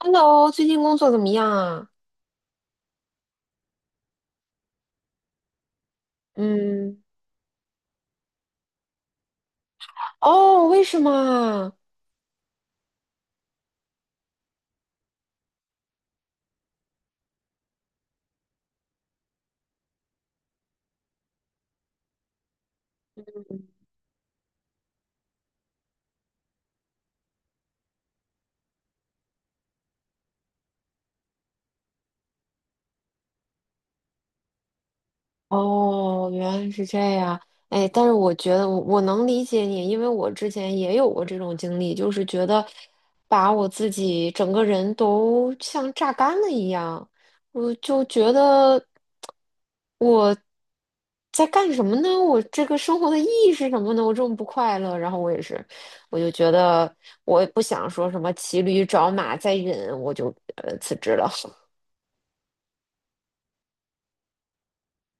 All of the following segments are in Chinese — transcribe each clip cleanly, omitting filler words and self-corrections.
Hello，最近工作怎么样啊？嗯。哦，为什么啊？哦，原来是这样。哎，但是我觉得我能理解你，因为我之前也有过这种经历，就是觉得把我自己整个人都像榨干了一样，我就觉得我在干什么呢？我这个生活的意义是什么呢？我这么不快乐，然后我也是，我就觉得我也不想说什么骑驴找马再忍，我就辞职了。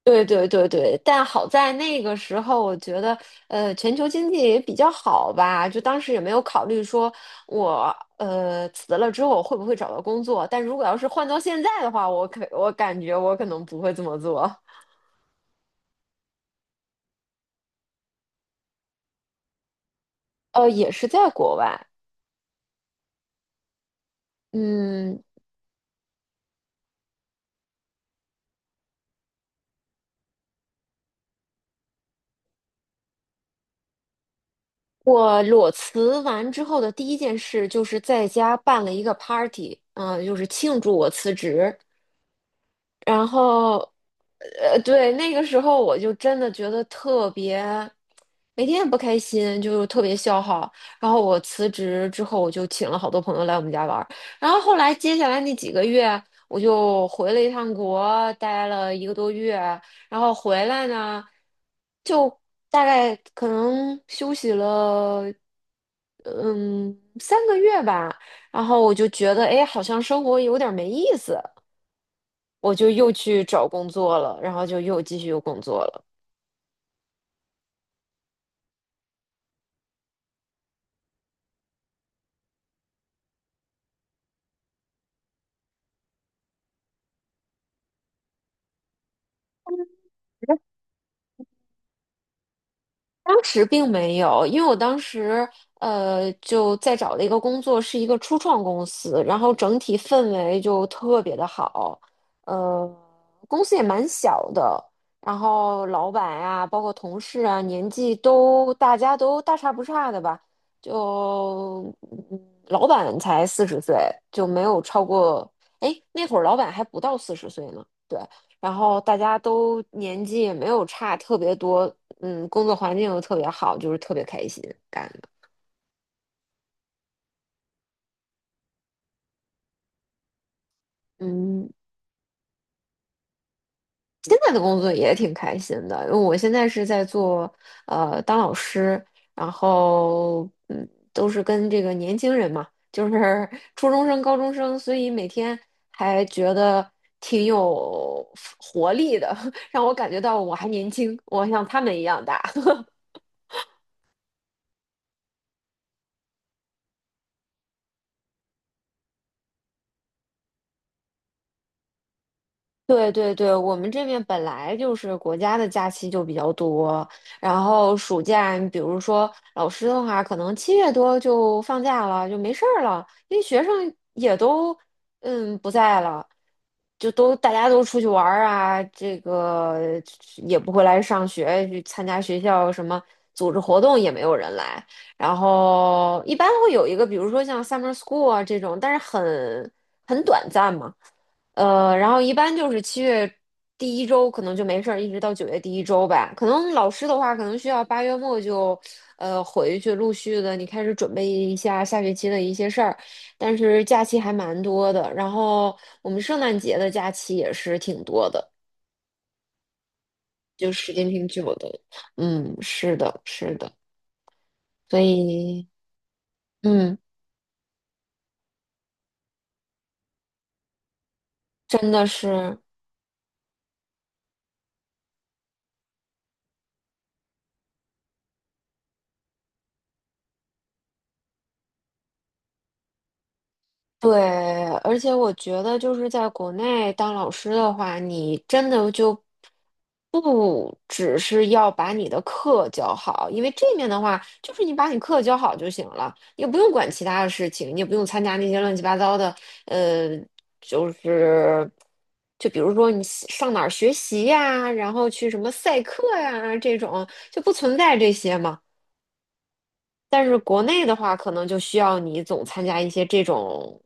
对对对对，但好在那个时候，我觉得，全球经济也比较好吧，就当时也没有考虑说我，辞了之后会不会找到工作。但如果要是换到现在的话，我感觉我可能不会这么做。也是在国外。嗯。我裸辞完之后的第一件事就是在家办了一个 party，就是庆祝我辞职。然后，对，那个时候我就真的觉得特别，每天也不开心，就特别消耗。然后我辞职之后，我就请了好多朋友来我们家玩儿。然后后来接下来那几个月，我就回了一趟国，待了一个多月。然后回来呢，就大概可能休息了，嗯，3个月吧。然后我就觉得，哎，好像生活有点儿没意思。我就又去找工作了，然后就又继续又工作了。当时并没有，因为我当时就在找的一个工作是一个初创公司，然后整体氛围就特别的好。呃，公司也蛮小的，然后老板啊，包括同事啊，年纪都大家都大差不差的吧，就老板才四十岁，就没有超过。哎，那会儿老板还不到四十岁呢。对。然后大家都年纪也没有差特别多，工作环境又特别好，就是特别开心干的。嗯。现在的工作也挺开心的，因为我现在是在做当老师，然后都是跟这个年轻人嘛，就是 初中生、高中生，所以每天还觉得挺有活力的。让我感觉到我还年轻，我像他们一样大。对对对，我们这边本来就是国家的假期就比较多。然后暑假，你比如说老师的话，可能七月多就放假了，就没事儿了，因为学生也都不在了，就都大家都出去玩儿啊，这个也不回来上学，去参加学校什么组织活动也没有人来，然后一般会有一个，比如说像 summer school 啊这种，但是很短暂嘛。然后一般就是七月第一周可能就没事儿，一直到9月第一周吧。可能老师的话，可能需要8月末就，回去陆续的你开始准备一下下学期的一些事儿。但是假期还蛮多的，然后我们圣诞节的假期也是挺多的，就时间挺久的。嗯，是的，是的，所以嗯，真的是。对，而且我觉得就是在国内当老师的话，你真的就不只是要把你的课教好，因为这面的话，就是你把你课教好就行了，也不用管其他的事情，你也不用参加那些乱七八糟的。呃，就是就比如说你喜上哪儿学习呀，然后去什么赛课呀这种，就不存在这些嘛。但是国内的话，可能就需要你总参加一些这种，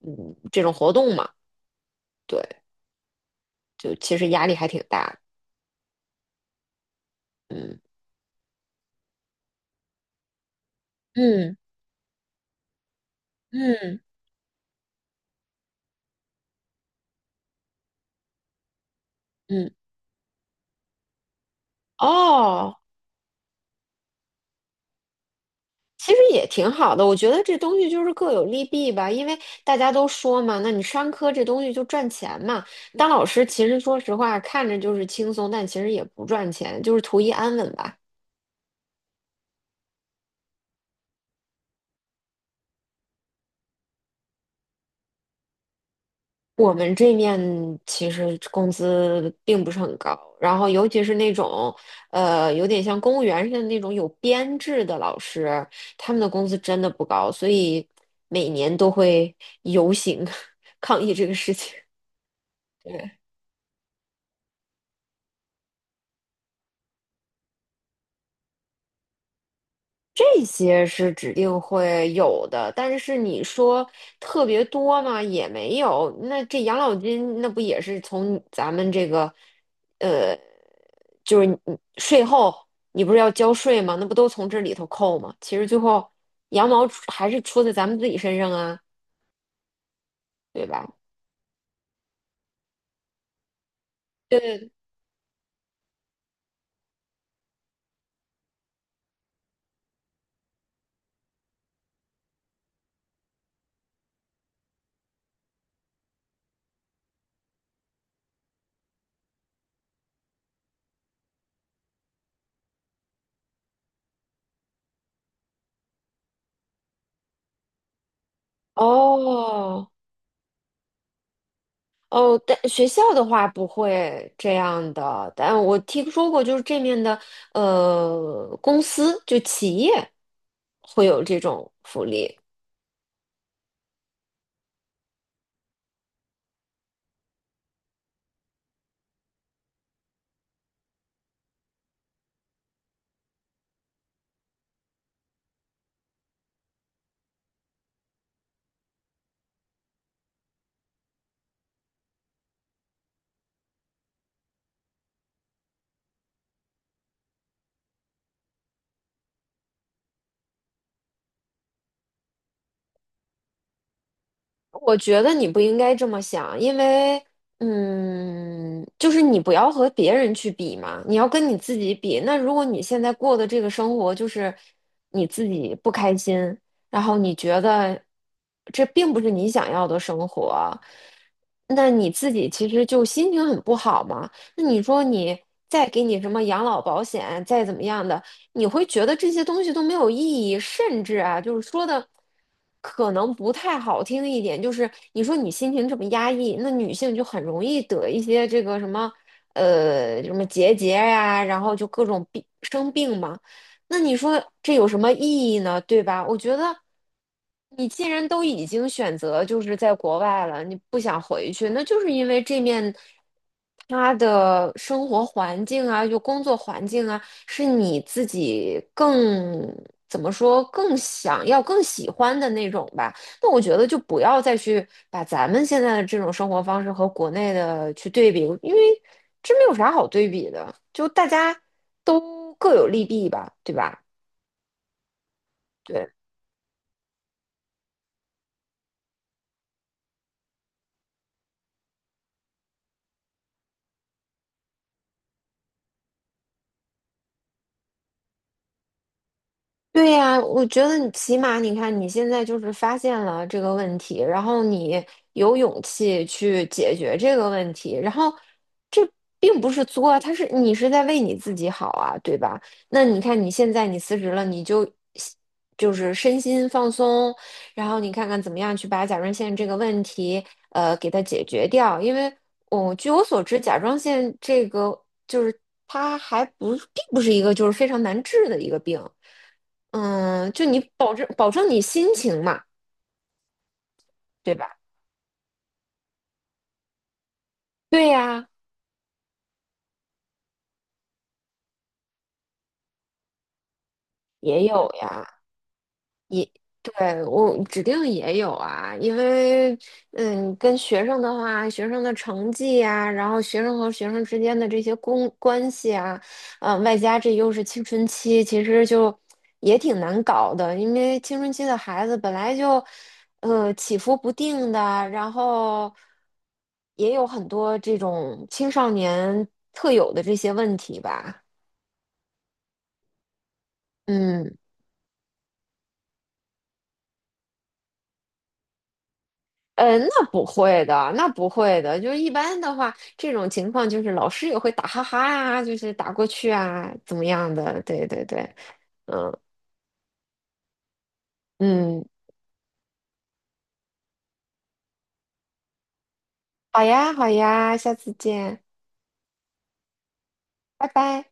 嗯，这种活动嘛。对，就其实压力还挺大的。嗯嗯嗯嗯。哦，其实也挺好的。我觉得这东西就是各有利弊吧，因为大家都说嘛，那你商科这东西就赚钱嘛。当老师其实说实话，看着就是轻松，但其实也不赚钱，就是图一安稳吧。我们这面其实工资并不是很高，然后尤其是那种，有点像公务员似的那种有编制的老师，他们的工资真的不高，所以每年都会游行 抗议这个事情。对，这些是指定会有的，但是你说特别多嘛，也没有。那这养老金那不也是从咱们这个？呃。就是你税后你不是要交税吗？那不都从这里头扣吗？其实最后羊毛出还是出在咱们自己身上啊，对吧？对对对。哦哦，但学校的话不会这样的，但我听说过，就是这面的公司就企业会有这种福利。我觉得你不应该这么想，因为，就是你不要和别人去比嘛，你要跟你自己比。那如果你现在过的这个生活就是你自己不开心，然后你觉得这并不是你想要的生活，那你自己其实就心情很不好嘛。那你说你再给你什么养老保险，再怎么样的，你会觉得这些东西都没有意义。甚至啊，就是说的可能不太好听一点，就是你说你心情这么压抑，那女性就很容易得一些这个什么什么结节呀、然后就各种病生病嘛。那你说这有什么意义呢？对吧？我觉得你既然都已经选择就是在国外了，你不想回去，那就是因为这面他的生活环境啊，就工作环境啊，是你自己更怎么说更想要、更喜欢的那种吧。那我觉得就不要再去把咱们现在的这种生活方式和国内的去对比，因为这没有啥好对比的，就大家都各有利弊吧，对吧？对。对呀，我觉得你起码你看你现在就是发现了这个问题，然后你有勇气去解决这个问题，然后这并不是作，他是你是在为你自己好啊，对吧？那你看你现在你辞职了，你就就是身心放松，然后你看看怎么样去把甲状腺这个问题给它解决掉，因为据我所知，甲状腺这个就是它还不并不是一个就是非常难治的一个病。嗯，就你保证保证你心情嘛，对吧？对呀。也有呀，对，我指定也有啊，因为跟学生的话，学生的成绩呀、然后学生和学生之间的这些公关系啊，外加这又是青春期，其实就也挺难搞的，因为青春期的孩子本来就起伏不定的，然后也有很多这种青少年特有的这些问题吧。嗯。那不会的，那不会的。就是一般的话，这种情况就是老师也会打哈哈呀、就是打过去啊，怎么样的？对对对。嗯嗯，好呀好呀，下次见，拜拜。